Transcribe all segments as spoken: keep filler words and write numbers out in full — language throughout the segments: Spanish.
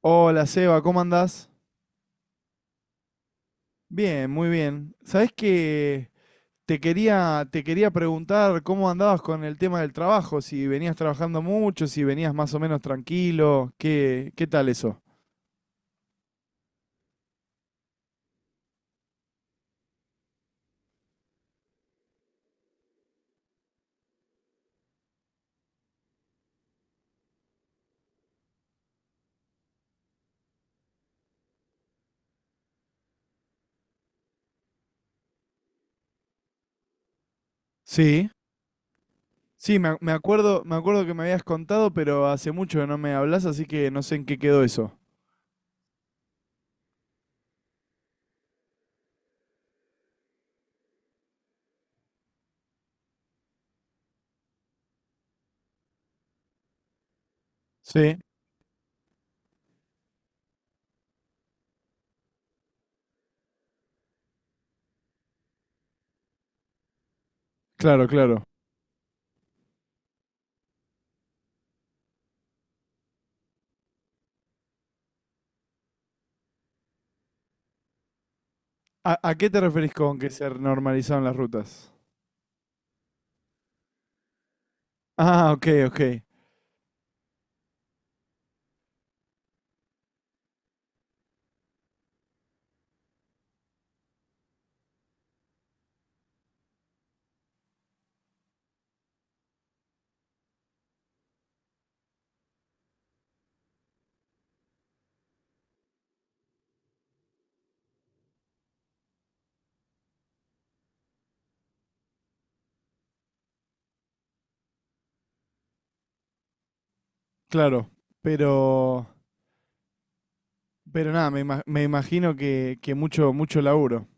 Hola Seba, ¿cómo andás? Bien, muy bien. Sabés que te quería, te quería preguntar cómo andabas con el tema del trabajo, si venías trabajando mucho, si venías más o menos tranquilo, ¿qué, qué tal eso? Sí. Sí, me, ac- me acuerdo, me acuerdo que me habías contado, pero hace mucho que no me hablas, así que no sé en qué quedó eso. Sí, claro, claro. ¿A, a qué te referís con que se normalizaron las rutas? Ah, ok, ok, claro. Pero Pero nada, me, ima- me imagino que, que mucho, mucho laburo.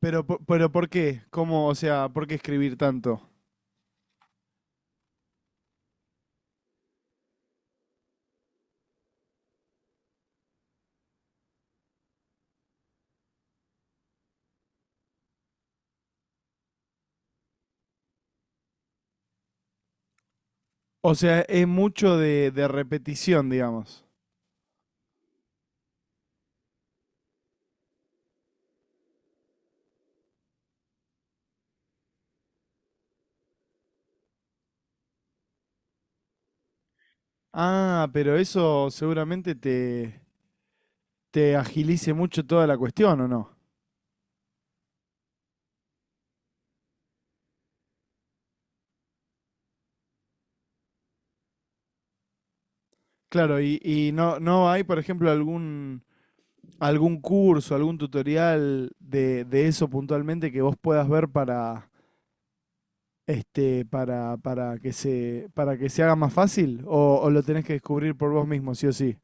Pero, po- pero ¿por qué? ¿Cómo, o sea, por qué escribir tanto? O sea, es mucho de, de repetición, digamos. Ah, pero eso seguramente te, te agilice mucho toda la cuestión, ¿o no? Claro, y, y no, no hay, por ejemplo, algún, algún curso, algún tutorial de, de eso puntualmente que vos puedas ver para, este, para, para que se, ¿para que se haga más fácil? ¿O, o lo tenés que descubrir por vos mismo, sí o sí?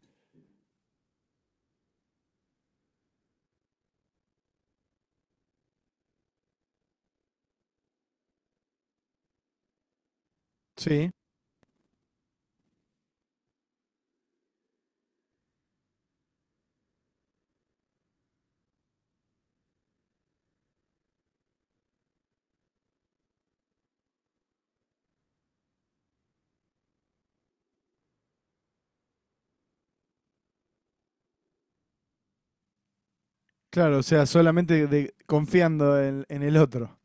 Sí, claro, o sea, solamente de- confiando en, en el otro.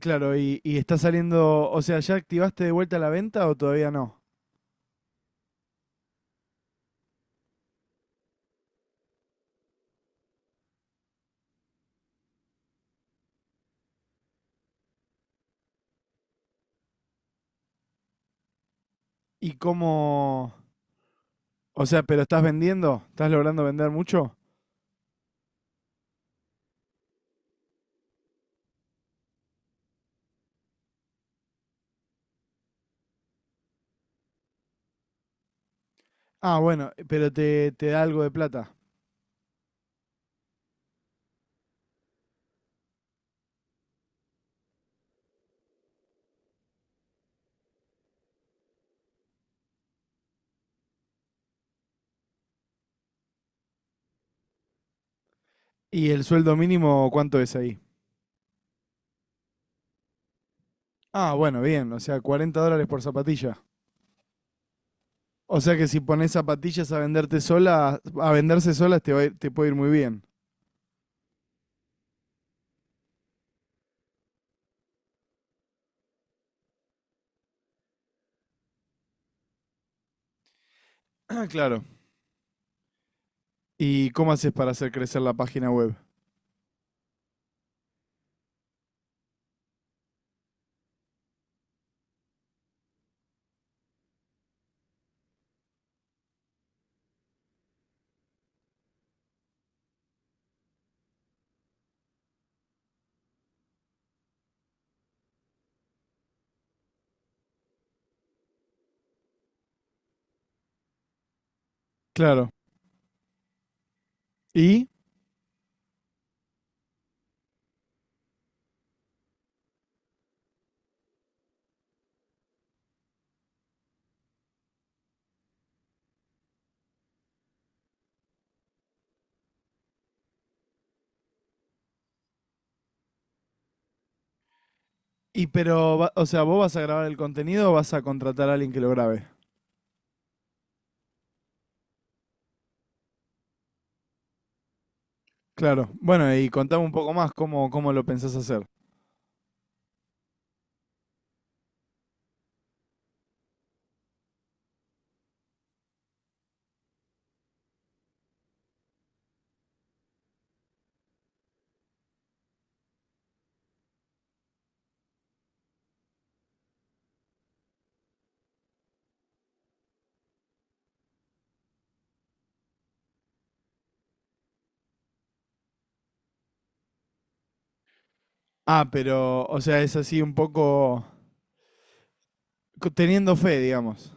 Claro, y, y está saliendo, o sea, ¿ya activaste de vuelta la venta o todavía no? ¿Y cómo? O sea, ¿pero estás vendiendo? ¿Estás logrando vender mucho? Ah, bueno, pero te, te da algo de plata. ¿Y el sueldo mínimo cuánto es ahí? Ah, bueno, bien, o sea, cuarenta dólares por zapatilla. O sea que si pones zapatillas a venderte sola, a venderse solas te va a ir- te puede ir muy bien. Ah, claro. ¿Y cómo haces para hacer crecer la página web? Claro. ¿Y? Y pero, va- o sea, ¿vos vas a grabar el contenido o vas a contratar a alguien que lo grabe? Claro. Bueno, y contame un poco más cómo, cómo lo pensás hacer. Ah, pero, o sea, es así un poco co- teniendo fe, digamos.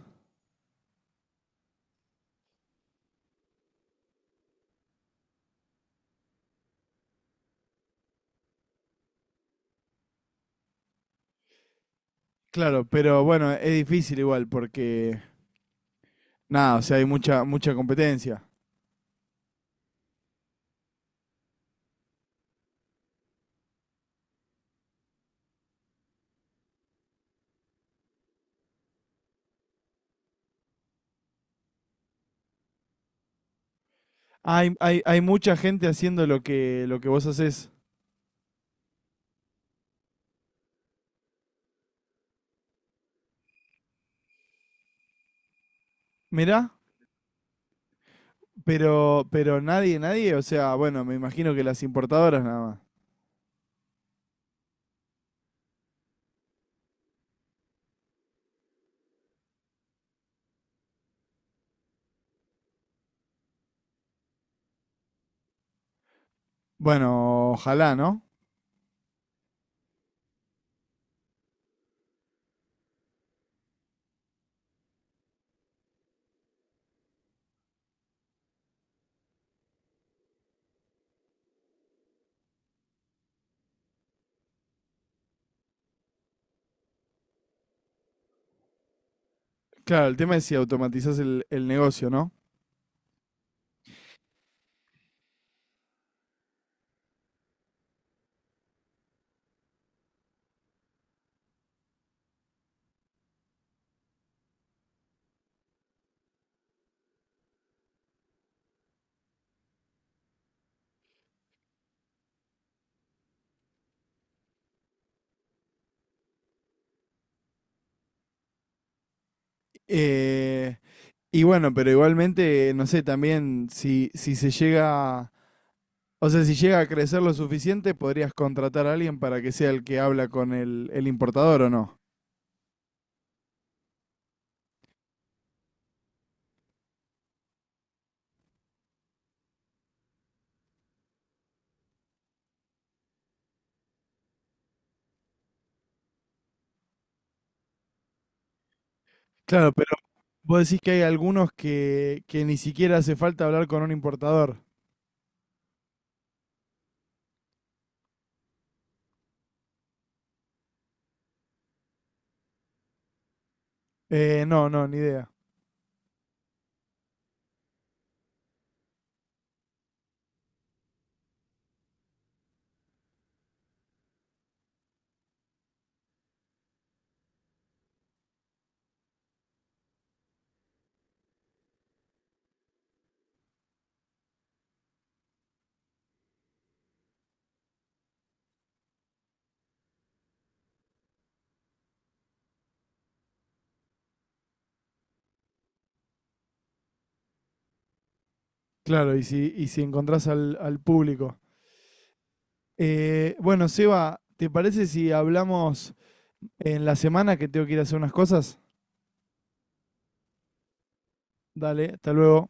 Claro, pero bueno, es difícil igual porque, nada, o sea, hay mucha, mucha competencia. Hay, hay, hay mucha gente haciendo lo que, lo que vos haces. Mirá, pero, pero nadie, nadie, o sea, bueno, me imagino que las importadoras nada más. Bueno, ojalá, ¿no? Claro, el tema es si automatizás el, el negocio, ¿no? Eh, y bueno, pero igualmente, no sé, también si, si se llega, o sea, si llega a crecer lo suficiente, podrías contratar a alguien para que sea el que habla con el, el importador o no. Claro, pero vos decís que hay algunos que, que ni siquiera hace falta hablar con un importador. Eh, no, no, ni idea. Claro, y si, y si encontrás al, al público. Eh, bueno, Seba, ¿te parece si hablamos en la semana que tengo que ir a hacer unas cosas? Dale, hasta luego.